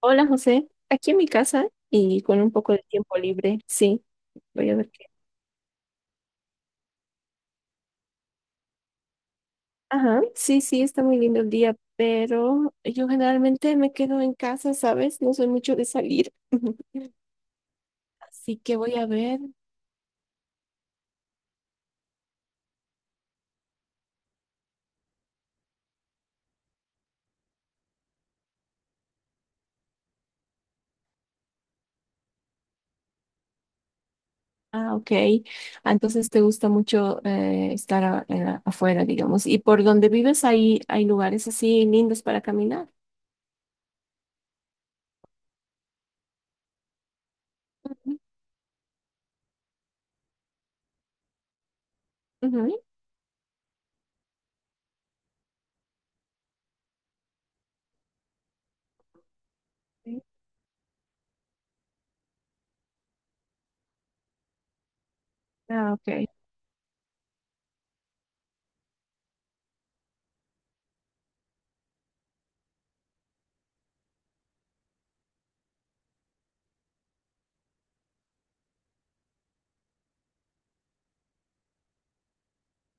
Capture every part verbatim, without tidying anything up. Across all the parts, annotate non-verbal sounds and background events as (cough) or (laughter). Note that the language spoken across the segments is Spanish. Hola José, aquí en mi casa y con un poco de tiempo libre, sí, voy a ver qué. Ajá, sí, sí, está muy lindo el día, pero yo generalmente me quedo en casa, ¿sabes? No soy mucho de salir, (laughs) así que voy a ver. Ah, ok. Ah, entonces te gusta mucho eh, estar a- en la- afuera, digamos. ¿Y por donde vives hay hay lugares así lindos para caminar? Ujú, ujú. Sí. Ah, ok.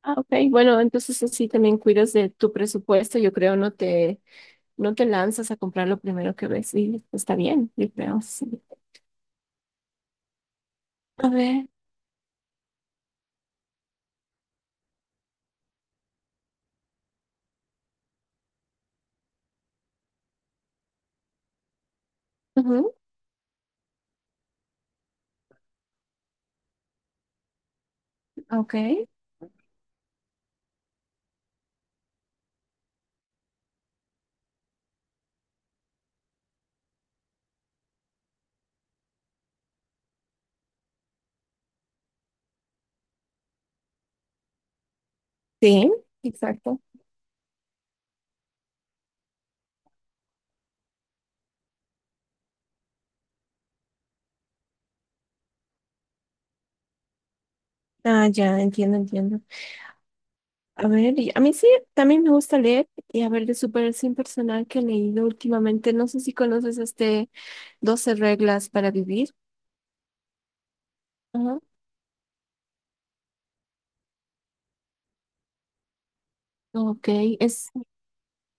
Ah, ok. Bueno, entonces así también cuidas de tu presupuesto, yo creo, no te no te lanzas a comprar lo primero que ves y está bien, yo creo, sí. A ver, ujú, ok, sí, exacto. Ah, ya, entiendo, entiendo. A ver, y a mí sí, también me gusta leer y a ver de superación personal que he leído últimamente. No sé si conoces este doce reglas para vivir. Ajá. Ok, es,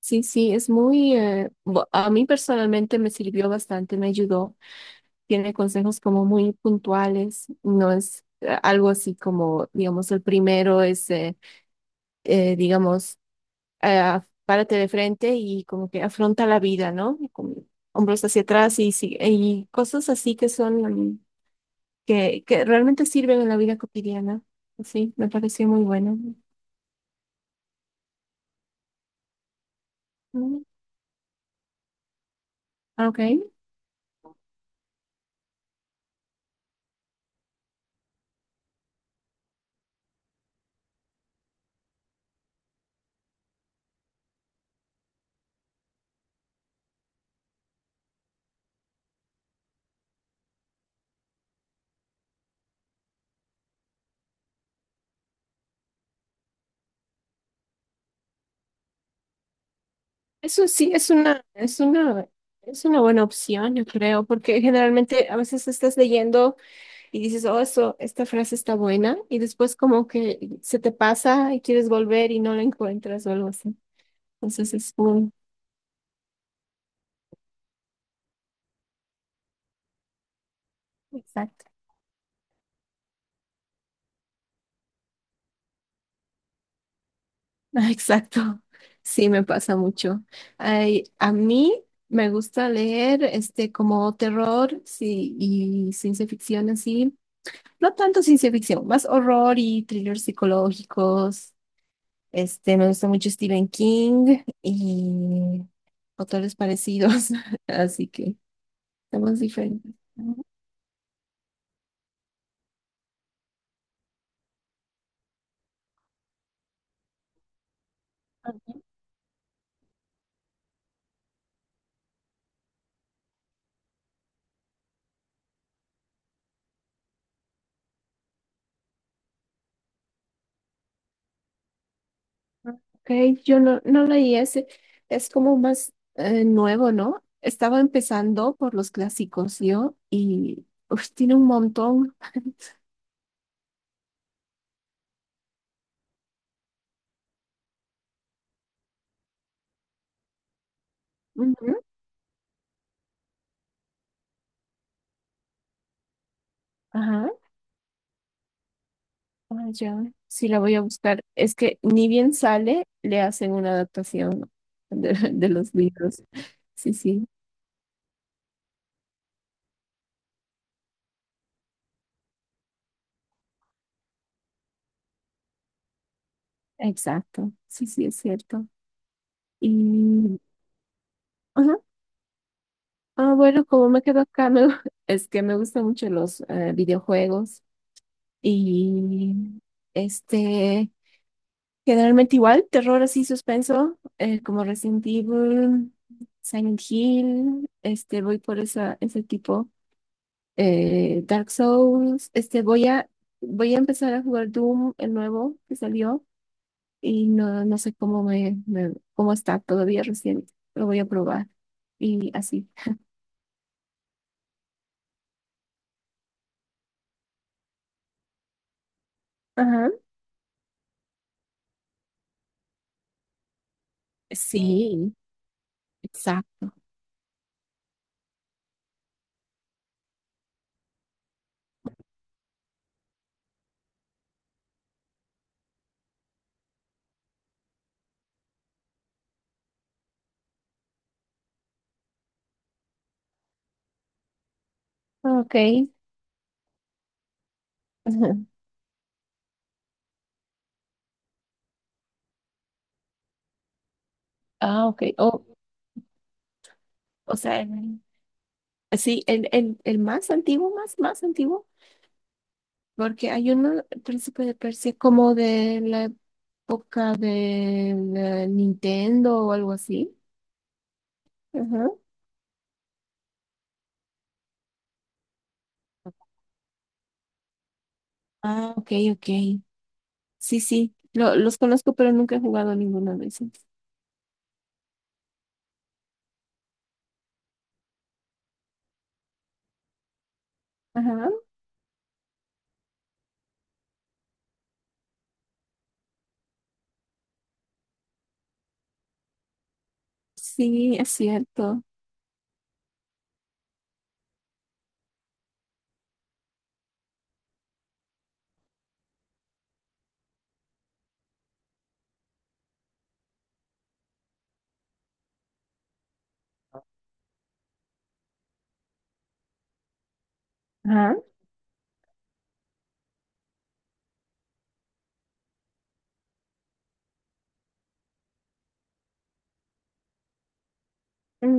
sí, sí, es muy, eh, bu- a mí personalmente me sirvió bastante, me ayudó. Tiene consejos como muy puntuales, no es eh, algo así como, digamos, el primero es, eh, eh, digamos, eh, párate de frente y como que afronta la vida, ¿no? Y con hombros hacia atrás y, sigue- y cosas así que son, mm, que, que realmente sirven en la vida cotidiana. Sí, me pareció muy bueno. Mm, ok, eso sí, es una, es una, es una buena opción, yo creo, porque generalmente a veces estás leyendo. Y dices, oh, eso, esta frase está buena, y después como que se te pasa y quieres volver y no la encuentras o algo así. Entonces es un... Exacto. (laughs) Ah, exacto. Sí, me pasa mucho. Ay, a mí me gusta leer este como terror sí, y ciencia ficción así. No tanto ciencia ficción, más horror y thrillers psicológicos. Este, me gusta mucho Stephen King y autores parecidos, (laughs) así que temas diferentes. Ok, yo no, no leí ese. Es como más eh, nuevo, ¿no? Estaba empezando por los clásicos yo y uf, tiene un montón. (laughs) Ujú, ajá, ah, ya, sí la voy a buscar. Es que ni bien sale, le hacen una adaptación de, (laughs) de los libros. Sí, sí, exacto. Sí, sí, es cierto. Y, ajá. Ah, bueno, como me quedo acá, me- (laughs) es que me gustan mucho los eh, videojuegos. Y este, generalmente igual, terror así suspenso, eh, como Resident Evil, Silent Hill, este, voy por esa, ese tipo. eh, Dark Souls, este, voy a, voy a empezar a jugar Doom, el nuevo que salió, y no, no sé cómo me, me- cómo está todavía recién, lo voy a probar. Y así. Ajá. Sí, exacto. Ok. (laughs) Ajá. Ah, ok. O, o sea. Sí, el, el, el más antiguo, más, más antiguo, porque hay uno, el príncipe de Persia, como de la época de la Nintendo o algo así. Ajá. Ah, ok, ok. Sí, sí, lo- los conozco, pero nunca he jugado ninguno de esos. Ajá, sí, es cierto. Ajá.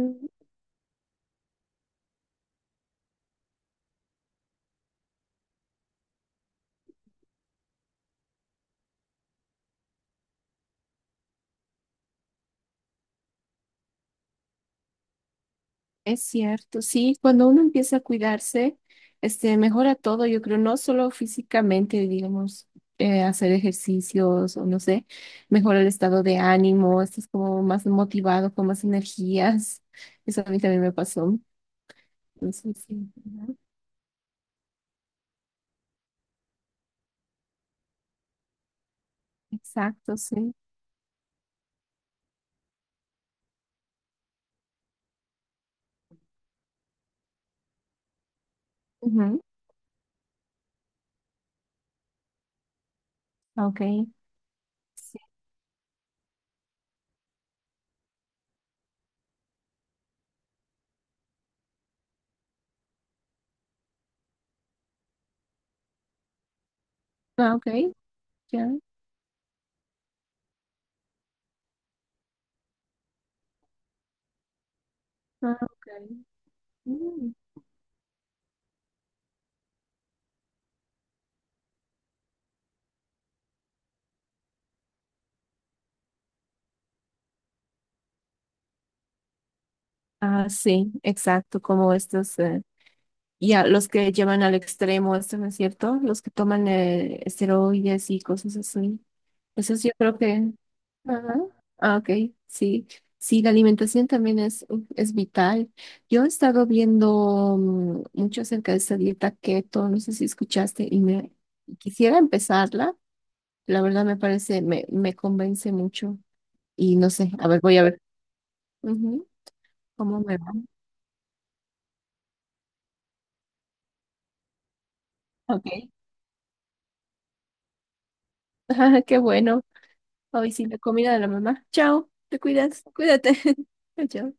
Es cierto, sí, cuando uno empieza a cuidarse, este, mejora todo, yo creo, no solo físicamente, digamos, eh, hacer ejercicios o no sé, mejora el estado de ánimo, estás como más motivado, con más energías. (laughs) Eso a mí también me pasó. Entonces, sí, ujú, exacto, sí. Ujú, ah, ok, sí. Ah, ok, ya. Ah, ok. Mm. Ah, sí, exacto, como estos. eh, Y a los que llevan al extremo, esto no es cierto, los que toman eh, esteroides y cosas así. Eso sí, yo creo que... Ajá. Ah, ok, sí. Sí, la alimentación también es, es vital. Yo he estado viendo mm, mucho acerca de esta dieta keto, no sé si escuchaste, y me quisiera empezarla. La verdad me parece, me, me convence mucho. Y no sé, a ver, voy a ver. Ujú, ¿cómo me va? Ok. (laughs) Qué bueno. Hoy sí, la comida de la mamá. Chao, te cuidas, cuídate. (laughs) Chao.